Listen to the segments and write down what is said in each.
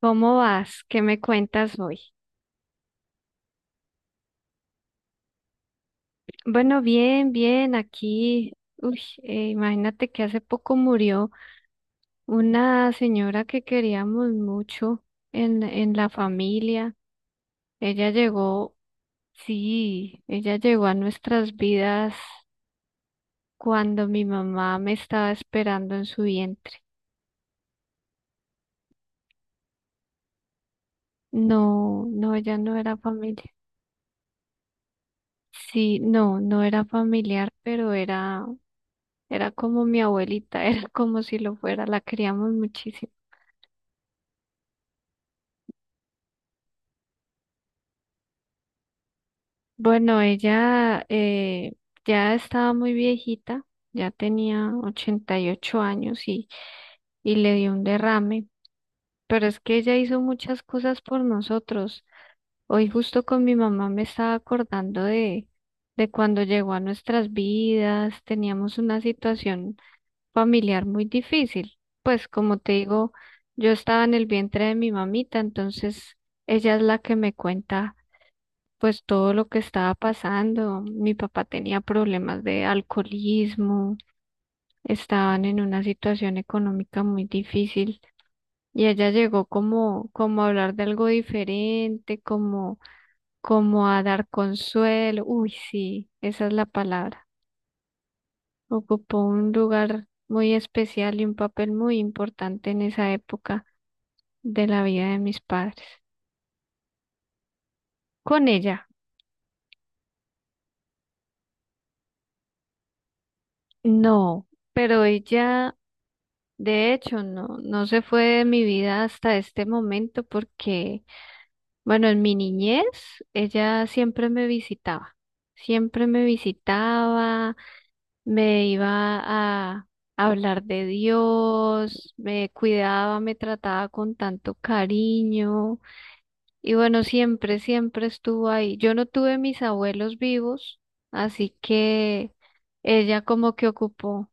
¿Cómo vas? ¿Qué me cuentas hoy? Bueno, bien, bien, aquí, uy, imagínate que hace poco murió una señora que queríamos mucho en la familia. Ella llegó, sí, ella llegó a nuestras vidas cuando mi mamá me estaba esperando en su vientre. No, no, ella no era familia. Sí, no, no era familiar, pero era, era como mi abuelita, era como si lo fuera, la queríamos muchísimo. Bueno, ella ya estaba muy viejita, ya tenía 88 años y le dio un derrame, pero es que ella hizo muchas cosas por nosotros. Hoy justo con mi mamá me estaba acordando de cuando llegó a nuestras vidas, teníamos una situación familiar muy difícil. Pues como te digo, yo estaba en el vientre de mi mamita, entonces ella es la que me cuenta pues todo lo que estaba pasando. Mi papá tenía problemas de alcoholismo, estaban en una situación económica muy difícil y ella llegó como, como a hablar de algo diferente, como, como a dar consuelo. Uy, sí, esa es la palabra. Ocupó un lugar muy especial y un papel muy importante en esa época de la vida de mis padres. Con ella, no, pero ella. De hecho, no, no se fue de mi vida hasta este momento porque, bueno, en mi niñez ella siempre me visitaba, me iba a hablar de Dios, me cuidaba, me trataba con tanto cariño y bueno, siempre, siempre estuvo ahí. Yo no tuve mis abuelos vivos, así que ella como que ocupó.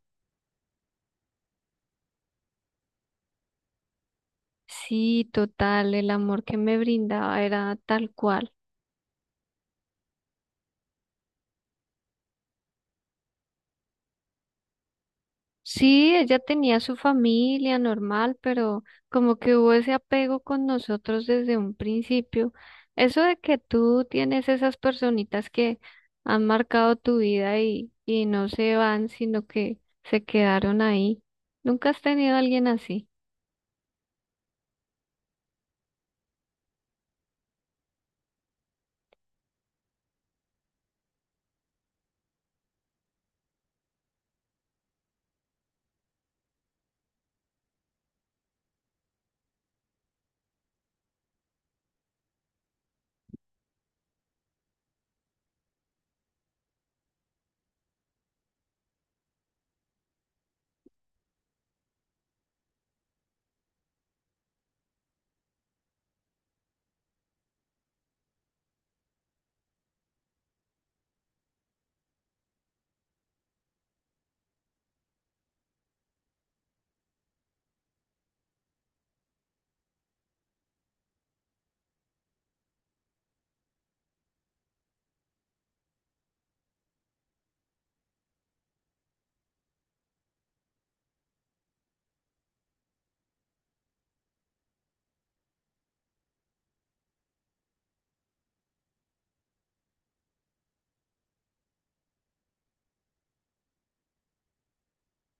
Sí, total, el amor que me brindaba era tal cual. Sí, ella tenía su familia normal, pero como que hubo ese apego con nosotros desde un principio. Eso de que tú tienes esas personitas que han marcado tu vida y no se van, sino que se quedaron ahí. ¿Nunca has tenido a alguien así?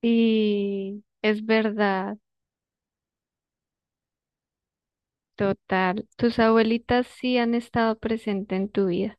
Y es verdad, total. Tus abuelitas sí han estado presentes en tu vida.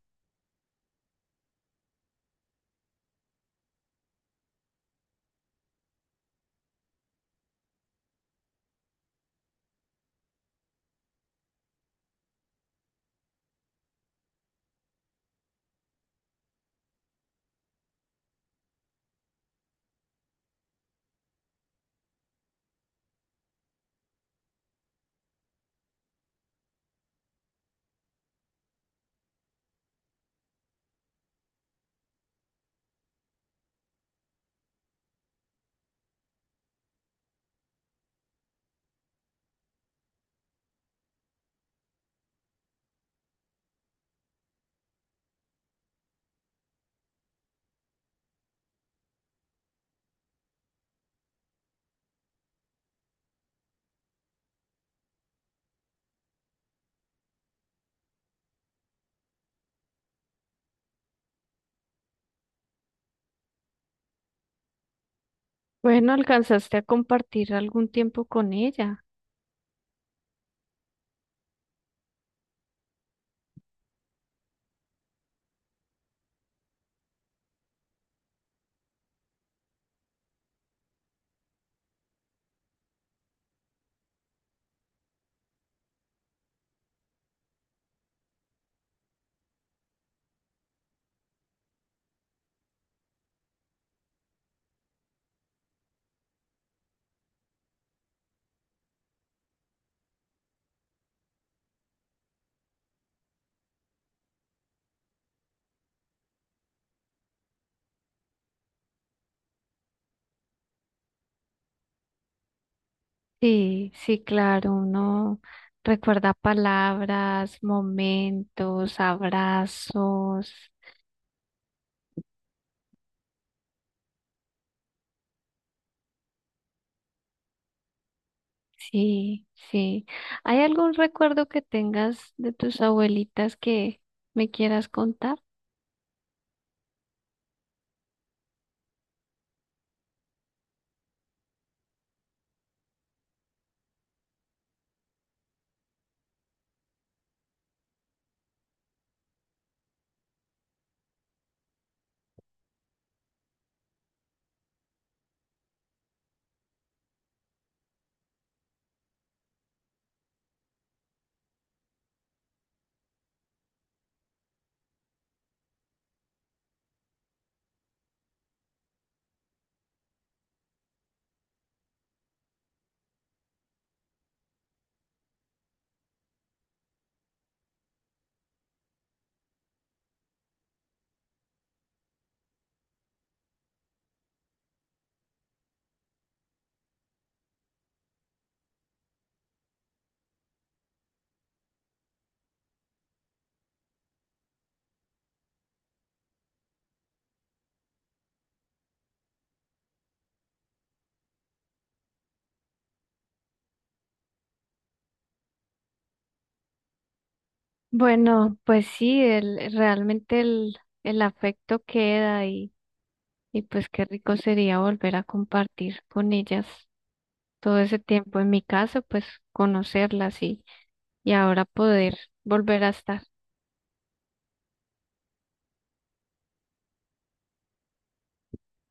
Bueno, alcanzaste a compartir algún tiempo con ella. Sí, sí, claro, uno recuerda palabras, momentos, abrazos. Sí, sí. ¿Hay algún recuerdo que tengas de tus abuelitas que me quieras contar? Bueno, pues sí, el, realmente el afecto queda y pues qué rico sería volver a compartir con ellas todo ese tiempo. En mi caso, pues conocerlas y ahora poder volver a estar.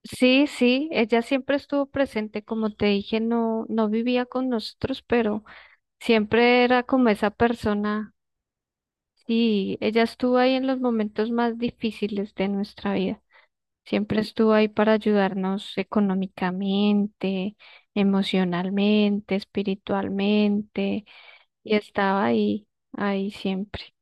Sí, sí, ella siempre estuvo presente, como te dije, no, no vivía con nosotros, pero siempre era como esa persona y ella estuvo ahí en los momentos más difíciles de nuestra vida. Siempre estuvo ahí para ayudarnos económicamente, emocionalmente, espiritualmente y estaba ahí, ahí siempre.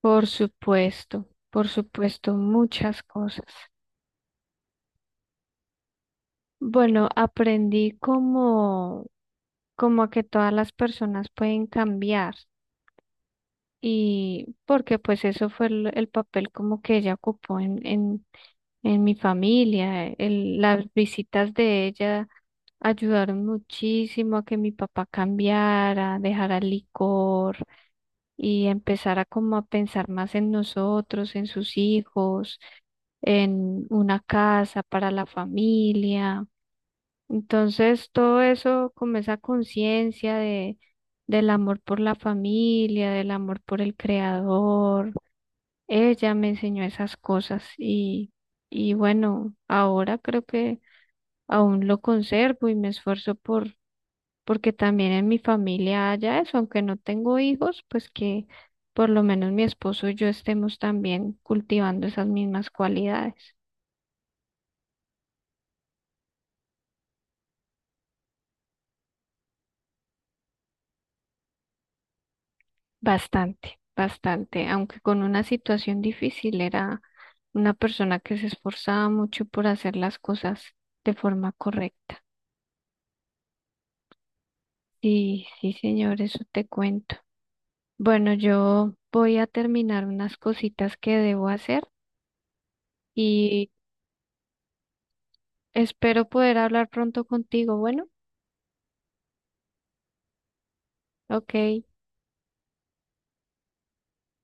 Por supuesto, muchas cosas. Bueno, aprendí como, como a que todas las personas pueden cambiar y porque pues eso fue el papel como que ella ocupó en mi familia. El- las visitas de ella ayudaron muchísimo a que mi papá cambiara, dejara el licor y empezara como a pensar más en nosotros, en sus hijos, en una casa para la familia. Entonces, todo eso, como esa conciencia de, del amor por la familia, del amor por el creador, ella me enseñó esas cosas y bueno, ahora creo que aún lo conservo y me esfuerzo por, porque también en mi familia haya eso, aunque no tengo hijos, pues que por lo menos mi esposo y yo estemos también cultivando esas mismas cualidades. Bastante, bastante, aunque con una situación difícil, era una persona que se esforzaba mucho por hacer las cosas de forma correcta. Sí, sí, señor, eso te cuento. Bueno, yo voy a terminar unas cositas que debo hacer y espero poder hablar pronto contigo. Bueno, ok.